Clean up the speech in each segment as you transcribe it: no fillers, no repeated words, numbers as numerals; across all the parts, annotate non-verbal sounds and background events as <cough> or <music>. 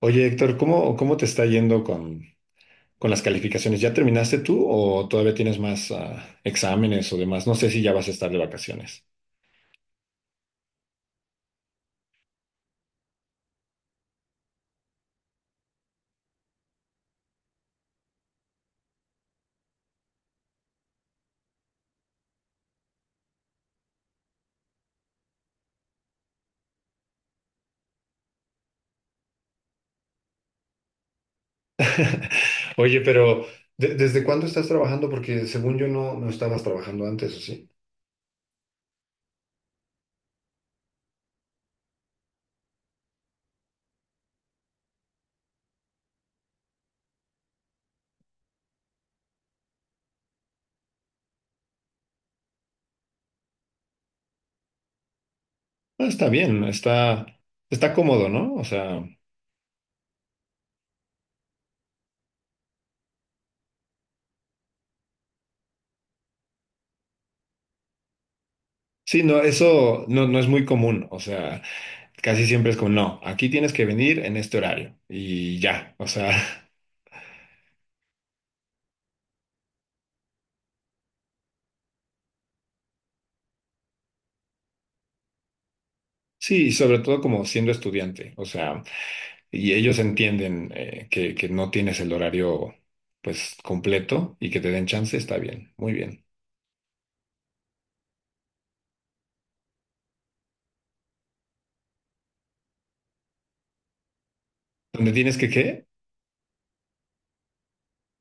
Oye, Héctor, ¿cómo te está yendo con las calificaciones? ¿Ya terminaste tú o todavía tienes más exámenes o demás? No sé si ya vas a estar de vacaciones. <laughs> Oye, pero ¿desde cuándo estás trabajando? Porque según yo no estabas trabajando antes, ¿o sí? Ah, está bien, está cómodo, ¿no? O sea, sí, no, eso no es muy común. O sea, casi siempre es como, no, aquí tienes que venir en este horario y ya. O sea, <laughs> sí, y sobre todo como siendo estudiante. O sea. Y ellos entienden que no tienes el horario pues completo y que te den chance, está bien, muy bien. ¿Dónde tienes que qué?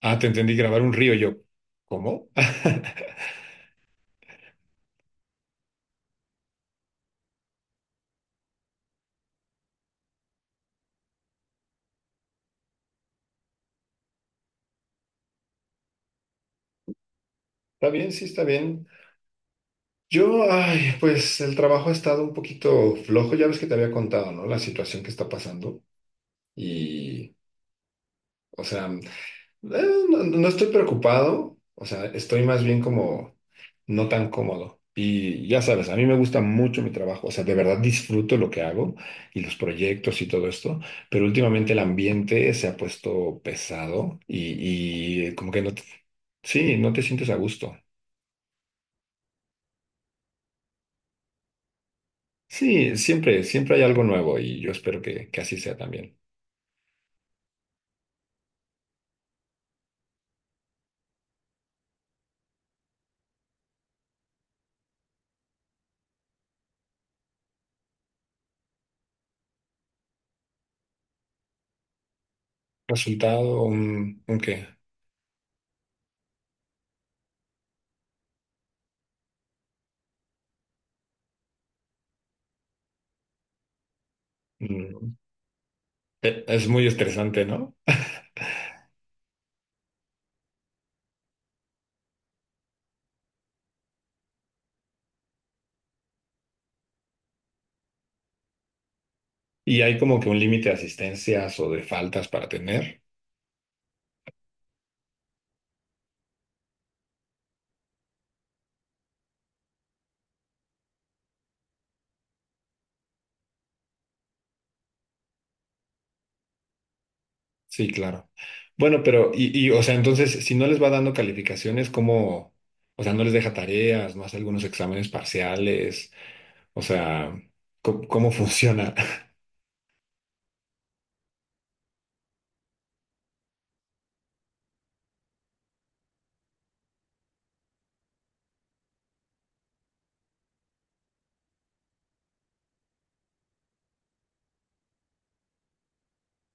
Ah, te entendí grabar un río yo. ¿Cómo? <laughs> Está bien, sí, está bien. Yo, ay, pues el trabajo ha estado un poquito flojo, ya ves que te había contado, ¿no? La situación que está pasando. Y, o sea, Eh, no, no estoy preocupado, o sea, estoy más bien como no tan cómodo. Y ya sabes, a mí me gusta mucho mi trabajo, o sea, de verdad disfruto lo que hago y los proyectos y todo esto, pero últimamente el ambiente se ha puesto pesado y como que no te, sí, no te sientes a gusto. Sí, siempre, siempre hay algo nuevo y yo espero que así sea también. Resultado, un qué? Mm, es muy estresante, ¿no? Y hay como que un límite de asistencias o de faltas para tener. Sí, claro. Bueno, o sea, entonces, si no les va dando calificaciones, ¿cómo? O sea, no les deja tareas, no hace algunos exámenes parciales. O sea, ¿cómo funciona? <laughs>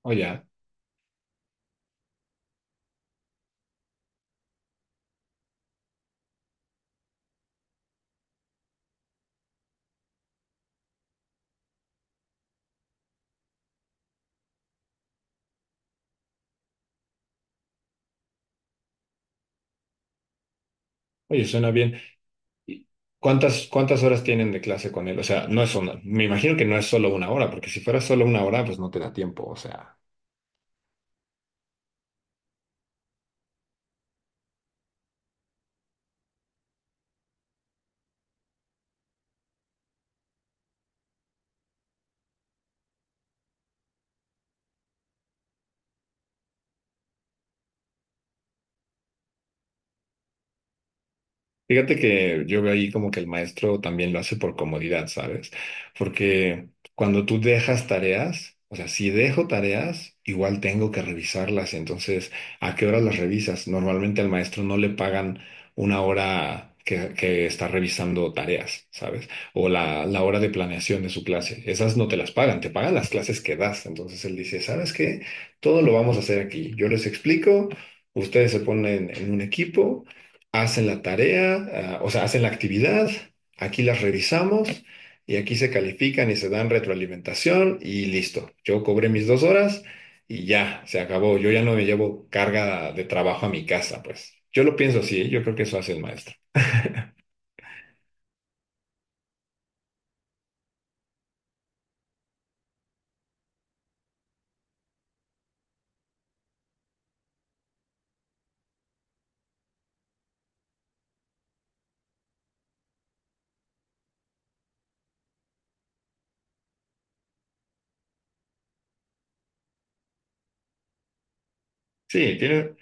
Oye, ya, oye, suena bien. ¿Y ¿Cuántas, cuántas horas tienen de clase con él? O sea, no es una, me imagino que no es solo una hora, porque si fuera solo una hora, pues no te da tiempo. O sea. Fíjate que yo veo ahí como que el maestro también lo hace por comodidad, ¿sabes? Porque cuando tú dejas tareas, o sea, si dejo tareas, igual tengo que revisarlas. Entonces, ¿a qué hora las revisas? Normalmente al maestro no le pagan una hora que está revisando tareas, ¿sabes? O la hora de planeación de su clase. Esas no te las pagan, te pagan las clases que das. Entonces él dice, ¿sabes qué? Todo lo vamos a hacer aquí. Yo les explico. Ustedes se ponen en un equipo, hacen la tarea, ah, o sea, hacen la actividad, aquí las revisamos y aquí se califican y se dan retroalimentación y listo. Yo cobré mis dos horas y ya, se acabó. Yo ya no me llevo carga de trabajo a mi casa, pues. Yo lo pienso así, ¿eh? Yo creo que eso hace el maestro. Sí, tiene,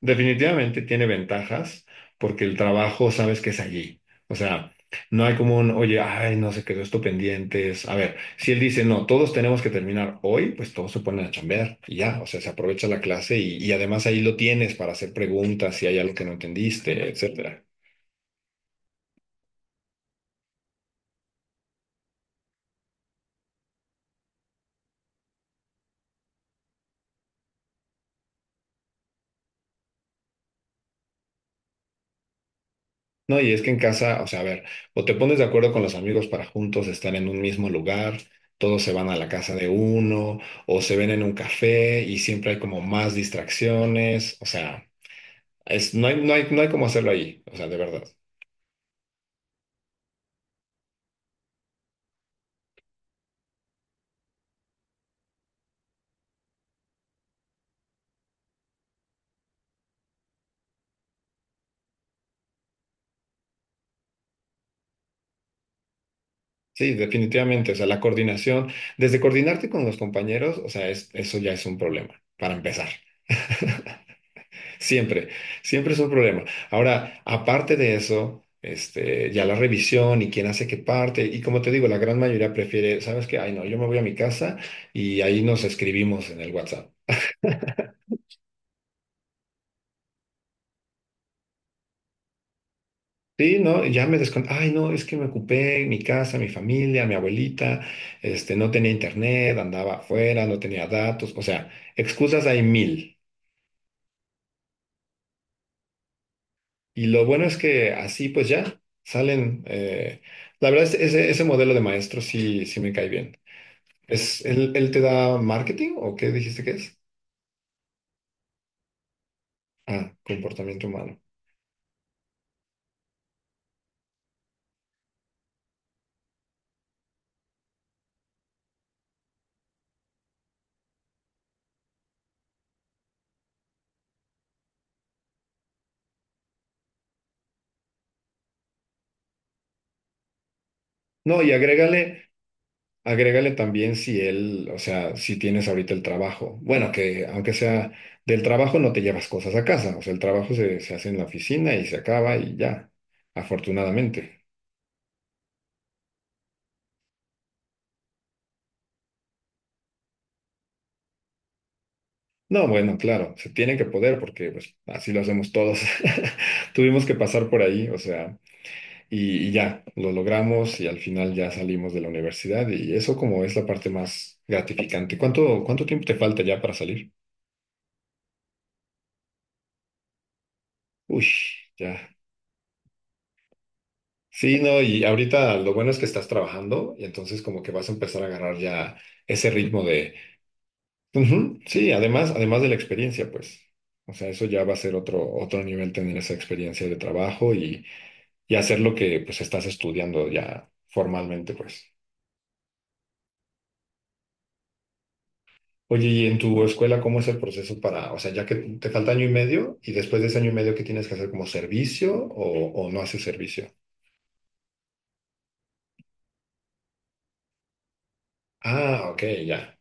Definitivamente tiene ventajas porque el trabajo sabes que es allí. O sea, no hay como un, oye, ay, no se quedó esto pendientes. A ver, si él dice, no, todos tenemos que terminar hoy, pues todos se ponen a chambear y ya, o sea, se aprovecha la clase y además ahí lo tienes para hacer preguntas si hay algo que no entendiste, etcétera. No, y es que en casa, o sea, a ver, o te pones de acuerdo con los amigos para juntos estar en un mismo lugar, todos se van a la casa de uno, o se ven en un café y siempre hay como más distracciones, o sea. Es, no hay cómo hacerlo ahí, o sea, de verdad. Sí, definitivamente, o sea, la coordinación, desde coordinarte con los compañeros, o sea, eso ya es un problema, para empezar. <laughs> Siempre, siempre es un problema. Ahora, aparte de eso, este, ya la revisión y quién hace qué parte, y como te digo, la gran mayoría prefiere, ¿sabes qué? Ay, no, yo me voy a mi casa y ahí nos escribimos en el WhatsApp. Sí, no, ya me descon... Ay, no, es que me ocupé mi casa, mi familia, mi abuelita, este, no tenía internet, andaba afuera, no tenía datos, o sea, excusas hay mil. Y lo bueno es que así pues ya salen, la verdad es ese, ese modelo de maestro sí, sí me cae bien. ¿Es, él te da marketing o qué dijiste que es? Ah, comportamiento humano. No, y agrégale Agrégale también si él, o sea, si tienes ahorita el trabajo. Bueno, que aunque sea del trabajo no te llevas cosas a casa. O sea, el trabajo se hace en la oficina y se acaba y ya, afortunadamente. No, bueno, claro, se tiene que poder porque pues así lo hacemos todos. <laughs> Tuvimos que pasar por ahí, o sea, y ya, lo logramos y al final ya salimos de la universidad y eso como es la parte más gratificante. ¿Cuánto, cuánto tiempo te falta ya para salir? Uy, ya. Sí, no, y ahorita lo bueno es que estás trabajando y entonces como que vas a empezar a agarrar ya ese ritmo de... Ujú, sí, además, además de la experiencia, pues. O sea, eso ya va a ser otro, otro nivel tener esa experiencia de trabajo y hacer lo que pues estás estudiando ya formalmente, pues. Oye, ¿y en tu escuela cómo es el proceso para, o sea, ya que te falta año y medio y después de ese año y medio, ¿qué tienes que hacer como servicio o no haces servicio? Ah, ok, ya.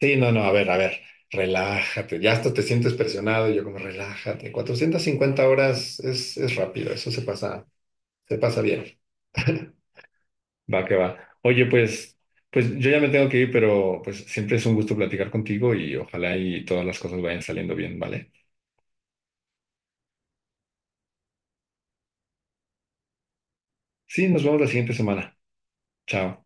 Sí, no, no, a ver, relájate, ya hasta te sientes presionado, y yo como relájate, 450 horas es rápido, eso se pasa bien. <laughs> Va que va. Oye, pues, pues yo ya me tengo que ir, pero pues siempre es un gusto platicar contigo y ojalá y todas las cosas vayan saliendo bien, ¿vale? Sí, nos vemos la siguiente semana. Chao.